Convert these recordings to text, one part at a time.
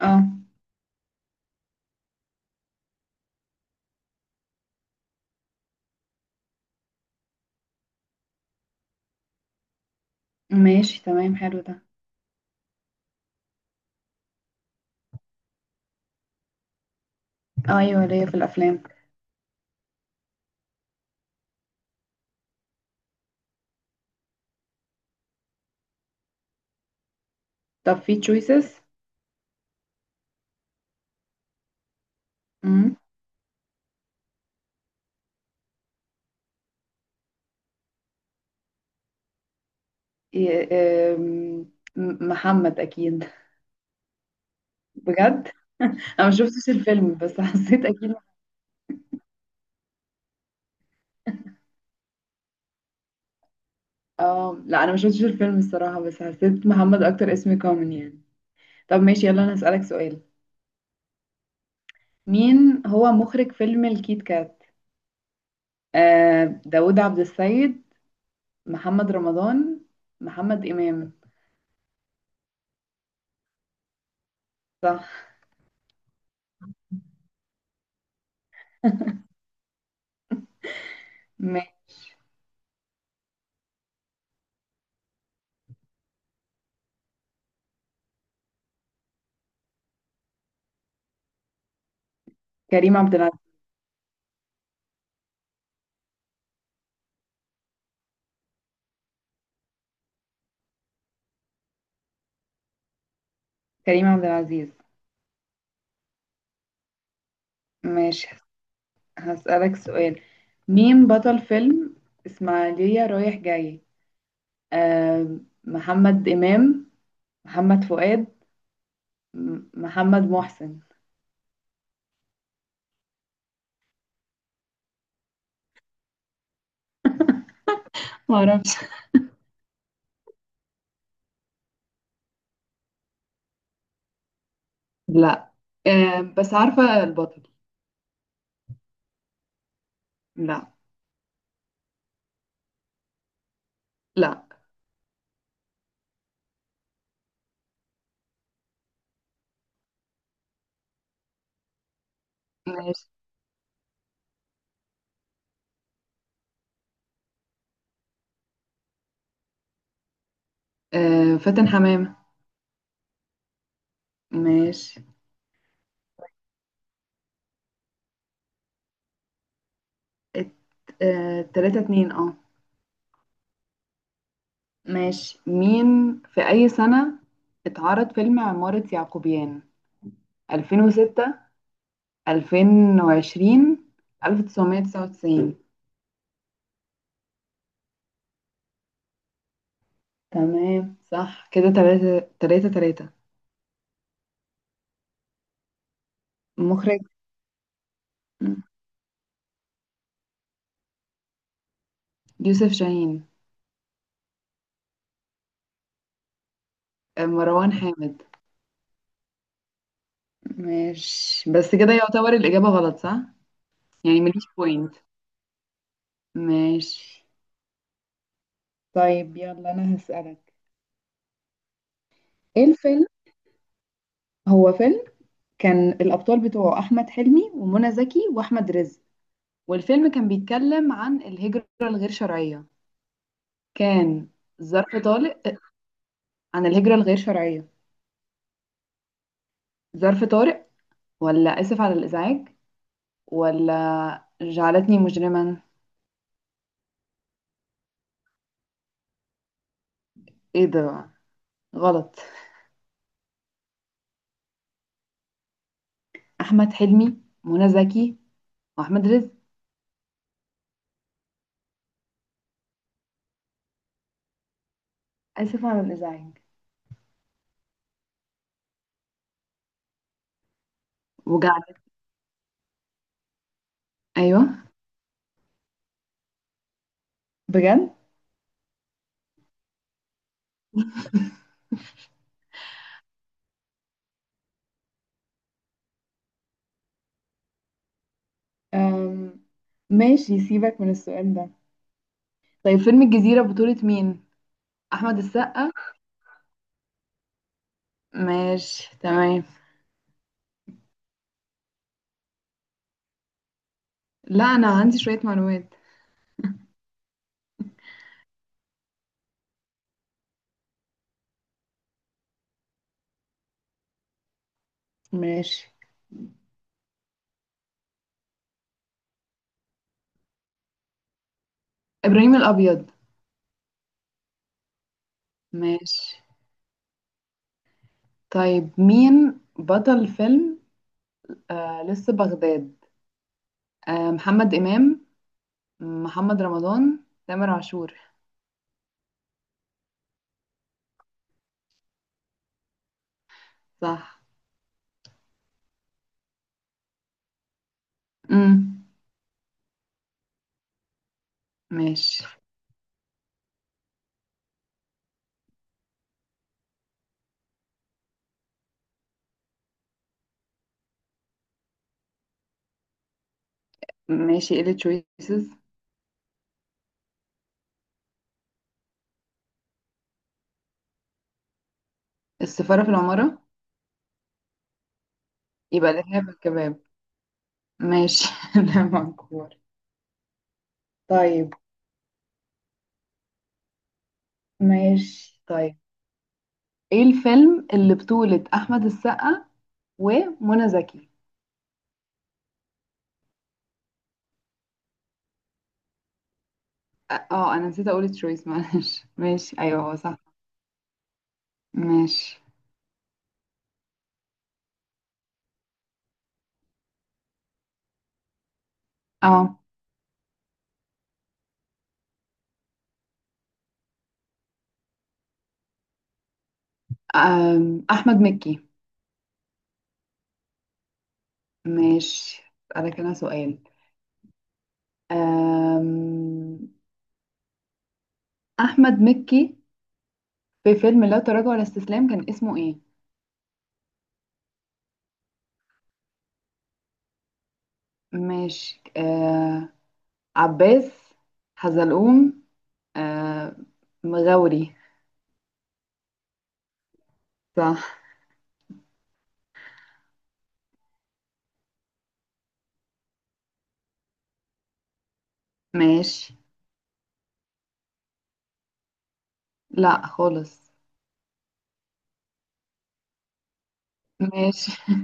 اه. ماشي، تمام، حلو ده. اه ايوه ليا في الافلام. طب في تشويسز؟ محمد اكيد. بجد، انا ما شفتش الفيلم بس حسيت اكيد. اه لا، انا ما شفتش الفيلم الصراحه بس حسيت محمد اكتر اسم كومن يعني. طب ماشي، يلا انا هسألك سؤال. مين هو مخرج فيلم الكيت كات؟ داوود عبد السيد، محمد رمضان، محمد امام. صح. ماشي. كريم عبد العزيز. كريم عبد العزيز. ماشي. هسألك سؤال. مين بطل فيلم إسماعيلية رايح جاي؟ آه محمد إمام، محمد فؤاد، محمد محسن. ما اعرفش. لا. بس عارفة البطل. لا. لا. ماشي. فاتن حمامة. ماشي. ات- تلاتة اتنين اه. ماشي. مين في أي سنة اتعرض فيلم عمارة يعقوبيان؟ 2006، 2020، 1999. تمام، صح كده، تلاتة تلاتة تلاتة. مخرج يوسف شاهين. مروان حامد. ماشي، بس كده يعتبر الإجابة غلط صح؟ يعني ماليش بوينت. ماشي. طيب يلا أنا هسألك، إيه الفيلم؟ هو فيلم كان الأبطال بتوعه أحمد حلمي ومنى زكي وأحمد رزق، والفيلم كان بيتكلم عن الهجرة الغير شرعية. كان ظرف طارق. عن الهجرة الغير شرعية. ظرف طارق، ولا آسف على الإزعاج، ولا جعلتني مجرما. ايه ده، غلط؟ احمد حلمي، منى زكي، واحمد رزق. اسف على الازعاج. وجعل. ايوه. بجد. أم... ماشي سيبك من السؤال ده. طيب، فيلم الجزيرة بطولة مين؟ احمد السقا. ماشي، تمام. لا انا عندي شوية معلومات. ماشي. ابراهيم الابيض. ماشي. طيب مين بطل فيلم لسه بغداد؟ محمد امام، محمد رمضان، تامر عاشور. صح. امم ماشي. ماشي، ايه التشويسز؟ السفارة في العمارة. يبقى الإرهاب والكباب. ماشي لا مذكور. طيب. ماشي طيب. ايه الفيلم اللي بطولة أحمد السقا ومنى زكي؟ اه انا نسيت اقول تشويس، معلش. ماشي، ايوه هو صح. ماشي. اه. احمد مكي. ماشي. اسالك انا سؤال. أم، احمد مكي في فيلم لا تراجع ولا استسلام كان اسمه ايه؟ ماشي. عباس، حزلقوم، آه مغاوري. صح. ماشي. لا خالص. ماشي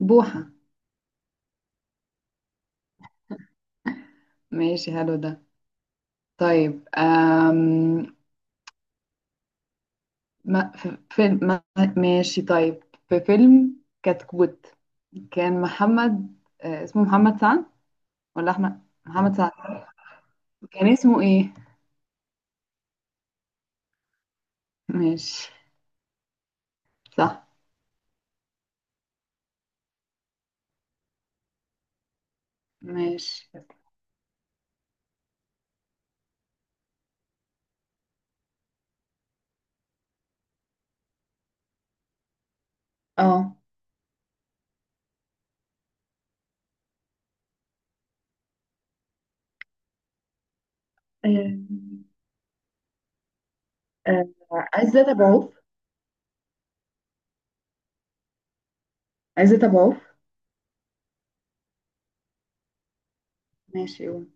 بوحة. ماشي، حلو ده. طيب آم، ما في فيلم ما. ماشي، طيب في فيلم كتكوت كان محمد اسمه محمد سعد ولا أحمد محمد سعد؟ كان اسمه ايه؟ ماشي. صح. ماشي. اه آه، عزت أبو عوف. عزت أبو عوف. ماشي قول.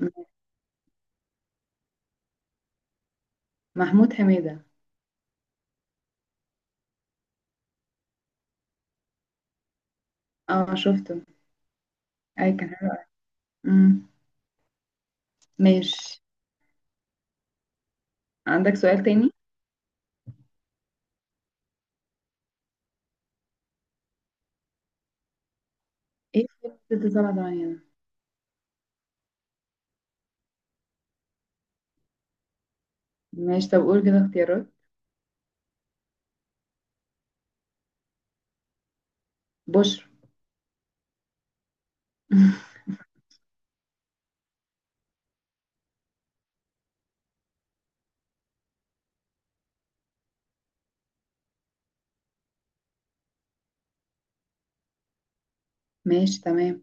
م- محمود حميدة. اه شفته. اي كان حلو. أمم، ماشي. عندك سؤال تاني؟ ايه في ستة سبعة تمانية ده؟ ماشي، طب قول كده اختيارات. بشر. ماشي تمام.